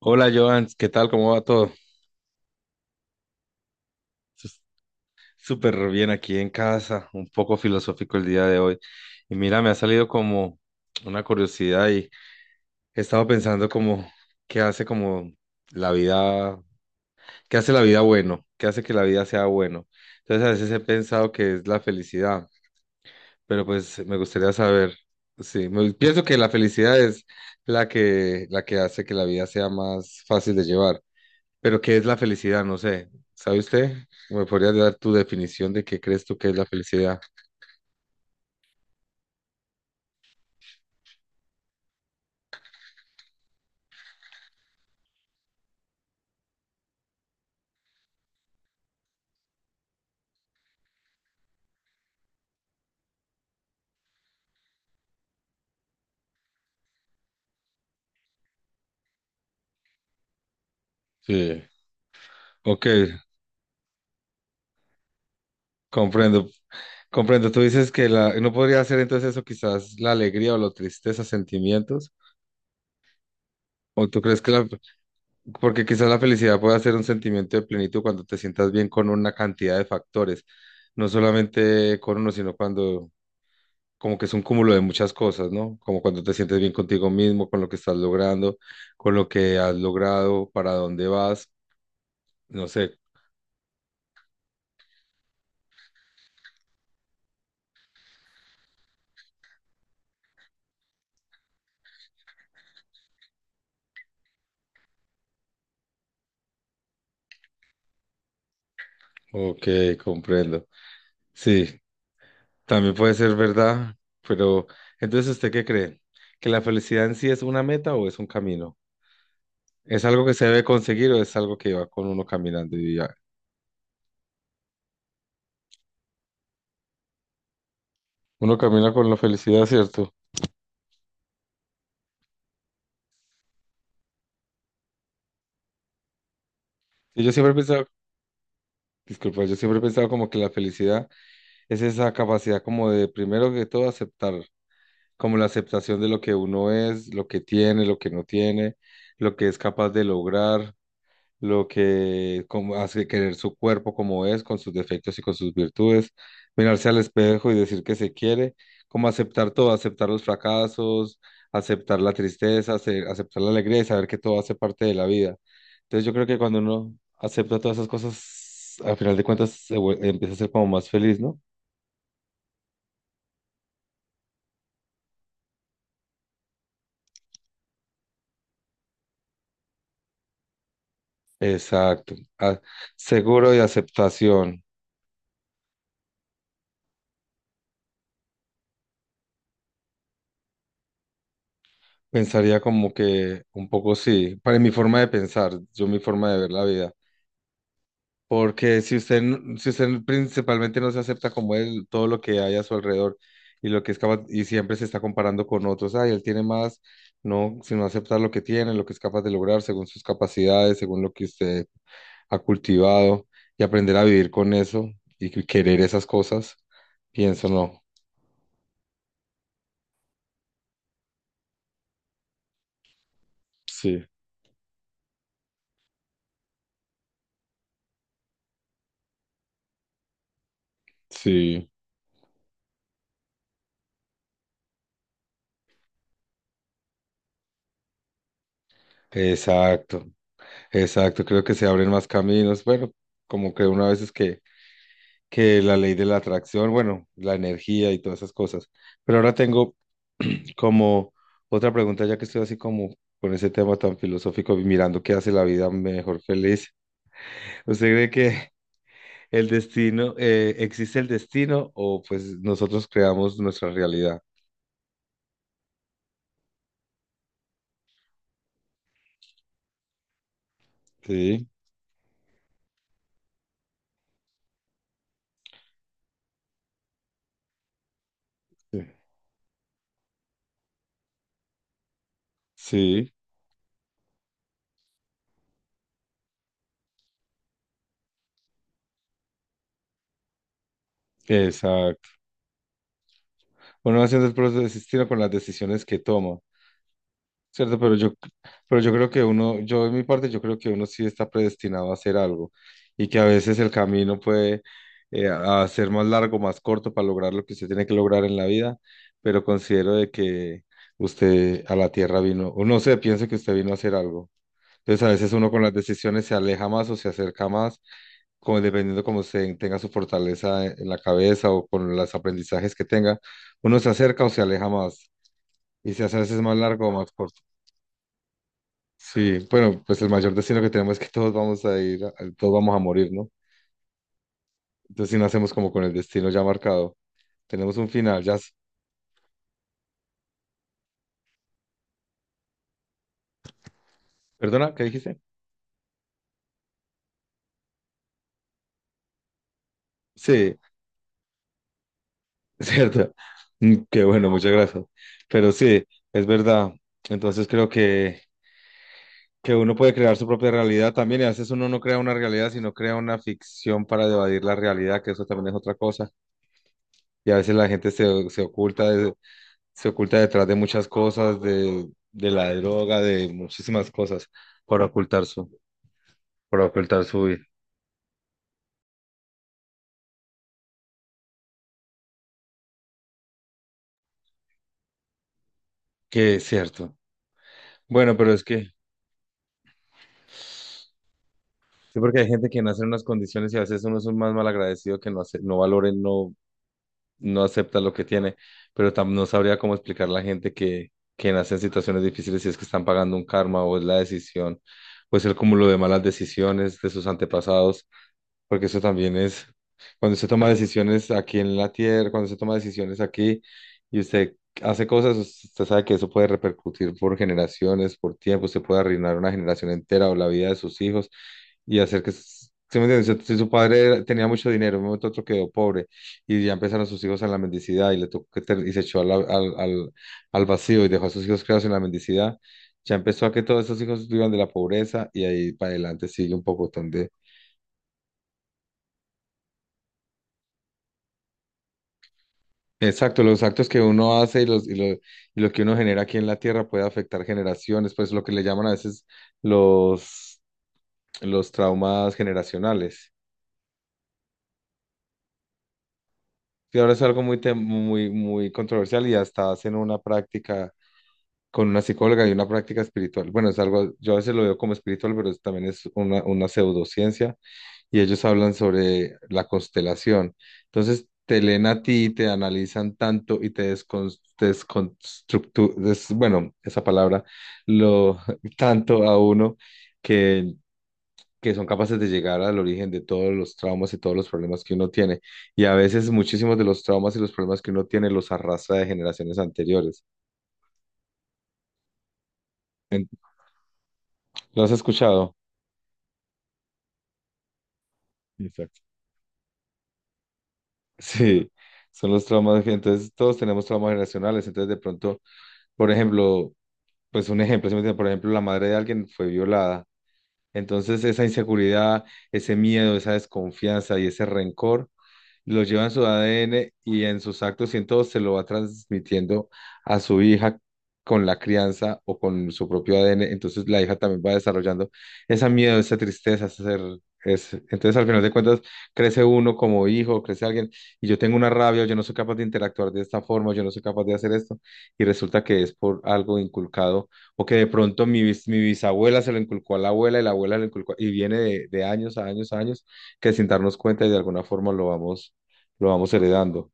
Hola Joan, ¿qué tal? ¿Cómo va todo? Sus- Súper bien aquí en casa, un poco filosófico el día de hoy. Y mira, me ha salido como una curiosidad y he estado pensando como qué hace como la vida, qué hace la vida bueno, qué hace que la vida sea bueno. Entonces a veces he pensado que es la felicidad, pero pues me gustaría saber, sí, pienso que la felicidad es la que hace que la vida sea más fácil de llevar. Pero ¿qué es la felicidad? No sé. ¿Sabe usted? ¿Me podría dar tu definición de qué crees tú que es la felicidad? Sí. Ok, comprendo. Comprendo. Tú dices que la no podría ser entonces eso quizás la alegría o la tristeza, sentimientos. ¿O tú crees que la? Porque quizás la felicidad pueda ser un sentimiento de plenitud cuando te sientas bien con una cantidad de factores. No solamente con uno, sino cuando. Como que es un cúmulo de muchas cosas, ¿no? Como cuando te sientes bien contigo mismo, con lo que estás logrando, con lo que has logrado, para dónde vas. No sé, ok, comprendo. Sí, también puede ser verdad, pero entonces ¿usted qué cree? ¿Que la felicidad en sí es una meta o es un camino? ¿Es algo que se debe conseguir o es algo que va con uno caminando y ya? Uno camina con la felicidad, ¿cierto? Y yo siempre he pensado, disculpa, yo siempre he pensado como que la felicidad es esa capacidad como de primero que todo aceptar, como la aceptación de lo que uno es, lo que tiene, lo que no tiene, lo que es capaz de lograr lo que como hace querer su cuerpo como es, con sus defectos y con sus virtudes, mirarse al espejo y decir que se quiere, como aceptar todo, aceptar los fracasos, aceptar la tristeza, aceptar la alegría y saber que todo hace parte de la vida. Entonces yo creo que cuando uno acepta todas esas cosas, al final de cuentas empieza a ser como más feliz, ¿no? Exacto. Ah, seguro y aceptación. Pensaría como que un poco sí, para mi forma de pensar, yo mi forma de ver la vida. Porque si usted, si usted principalmente no se acepta como él, todo lo que hay a su alrededor y lo que es capaz, y siempre se está comparando con otros, ay, él tiene más, no, sino aceptar lo que tiene, lo que es capaz de lograr según sus capacidades, según lo que usted ha cultivado y aprender a vivir con eso y querer esas cosas, pienso no. Sí, sí, exacto, exacto, creo que se abren más caminos, bueno, como que una vez es que la ley de la atracción, bueno, la energía y todas esas cosas. Pero ahora tengo como otra pregunta, ya que estoy así como con ese tema tan filosófico y mirando qué hace la vida mejor feliz. ¿Usted cree que el destino, existe el destino o pues nosotros creamos nuestra realidad? Sí, sí, sí, exacto. Uno haciendo el proceso de destino con las decisiones que toma. Cierto, pero yo creo que uno, yo en mi parte, yo creo que uno sí está predestinado a hacer algo y que a veces el camino puede a ser más largo, más corto para lograr lo que usted tiene que lograr en la vida, pero considero de que usted a la tierra vino, o no sé, pienso que usted vino a hacer algo. Entonces a veces uno con las decisiones se aleja más o se acerca más, como dependiendo como se tenga su fortaleza en la cabeza o con los aprendizajes que tenga, uno se acerca o se aleja más y se hace a veces más largo o más corto. Sí, bueno, pues el mayor destino que tenemos es que todos vamos a ir, todos vamos a morir, ¿no? Entonces, si nacemos como con el destino ya marcado, tenemos un final, ya. ¿Perdona? ¿Qué dijiste? Sí, cierto. Mm, qué bueno, muchas gracias. Pero sí, es verdad. Entonces, creo que uno puede crear su propia realidad también, y a veces uno no crea una realidad, sino crea una ficción para evadir la realidad, que eso también es otra cosa. Y a veces la gente se oculta detrás de muchas cosas, de la droga, de muchísimas cosas, para ocultar su, para ocultar su vida, que es cierto. Bueno, pero es que, sí, porque hay gente que nace en unas condiciones y a veces uno es un más malagradecido que no, no valora, y no, no acepta lo que tiene, pero no sabría cómo explicar a la gente que nace en situaciones difíciles si es que están pagando un karma o es la decisión, pues el cúmulo de malas decisiones de sus antepasados. Porque eso también es, cuando usted toma decisiones aquí en la tierra, cuando usted toma decisiones aquí y usted hace cosas, usted sabe que eso puede repercutir por generaciones, por tiempo, usted puede arruinar una generación entera o la vida de sus hijos y hacer que. ¿Sí me entiende? Si su padre tenía mucho dinero, en un momento otro quedó pobre y ya empezaron sus hijos a la mendicidad y le tocó que y se echó a la- al, al, al vacío y dejó a sus hijos creados en la mendicidad, ya empezó a que todos esos hijos vivan de la pobreza y ahí para adelante sigue un pocotón de. Exacto, los actos que uno hace y, lo que uno genera aquí en la Tierra puede afectar generaciones, pues lo que le llaman a veces los, los traumas generacionales. Y ahora es algo muy, muy controversial y hasta hacen una práctica con una psicóloga y una práctica espiritual. Bueno, es algo, yo a veces lo veo como espiritual, pero también es una pseudociencia y ellos hablan sobre la constelación. Entonces, te leen a ti, te analizan tanto y te descon- te desconstructu, des- bueno, esa palabra, lo tanto a uno que, que son capaces de llegar al origen de todos los traumas y todos los problemas que uno tiene. Y a veces muchísimos de los traumas y los problemas que uno tiene los arrastra de generaciones anteriores. ¿Lo has escuchado? Exacto. Sí, son los traumas. Entonces, todos tenemos traumas generacionales. Entonces, de pronto, por ejemplo, pues un ejemplo, ¿sí me entiendes? Por ejemplo, la madre de alguien fue violada. Entonces, esa inseguridad, ese miedo, esa desconfianza y ese rencor lo lleva en su ADN y en sus actos y en todo se lo va transmitiendo a su hija con la crianza o con su propio ADN. Entonces la hija también va desarrollando ese miedo, esa tristeza, ese ser. Es, entonces al final de cuentas crece uno como hijo, crece alguien y yo tengo una rabia, yo no soy capaz de interactuar de esta forma, yo no soy capaz de hacer esto y resulta que es por algo inculcado o que de pronto mi bisabuela se lo inculcó a la abuela y la abuela lo inculcó y viene de años a años a años que sin darnos cuenta y de alguna forma lo vamos heredando.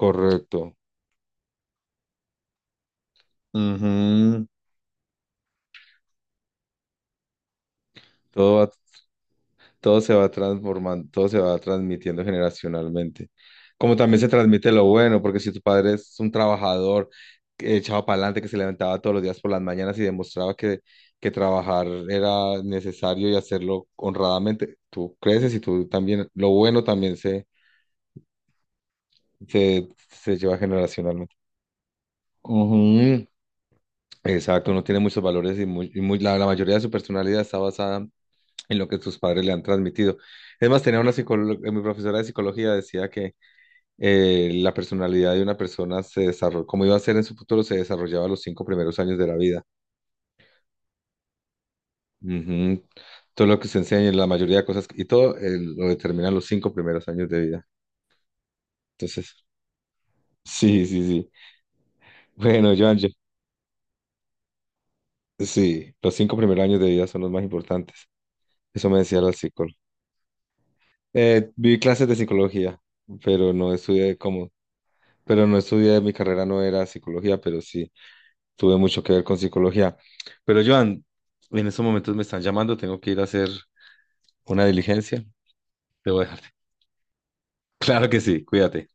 Correcto. Ujú. Todo va- todo se va transformando, todo se va transmitiendo generacionalmente. Como también se transmite lo bueno, porque si tu padre es un trabajador que echado para adelante, que se levantaba todos los días por las mañanas y demostraba que, trabajar era necesario y hacerlo honradamente, tú creces y tú también, lo bueno también se lleva generacionalmente. Ujú. Exacto, no tiene muchos valores y, muy, la mayoría de su personalidad está basada en lo que sus padres le han transmitido. Es más, tenía una psicóloga, mi profesora de psicología decía que la personalidad de una persona se desarrolla, como iba a ser en su futuro, se desarrollaba los 5 primeros años de la vida. Ujú. Todo lo que se enseña, la mayoría de cosas, y todo lo determinan los 5 primeros años de vida. Entonces, sí, sí, sí. Bueno, Joan, sí, los 5 primeros años de vida son los más importantes. Eso me decía la psicóloga. Vi clases de psicología, pero no estudié como, pero no estudié, mi carrera no era psicología, pero sí. Tuve mucho que ver con psicología. Pero Joan, en estos momentos me están llamando, tengo que ir a hacer una diligencia. Debo dejarte. Claro que sí, cuídate.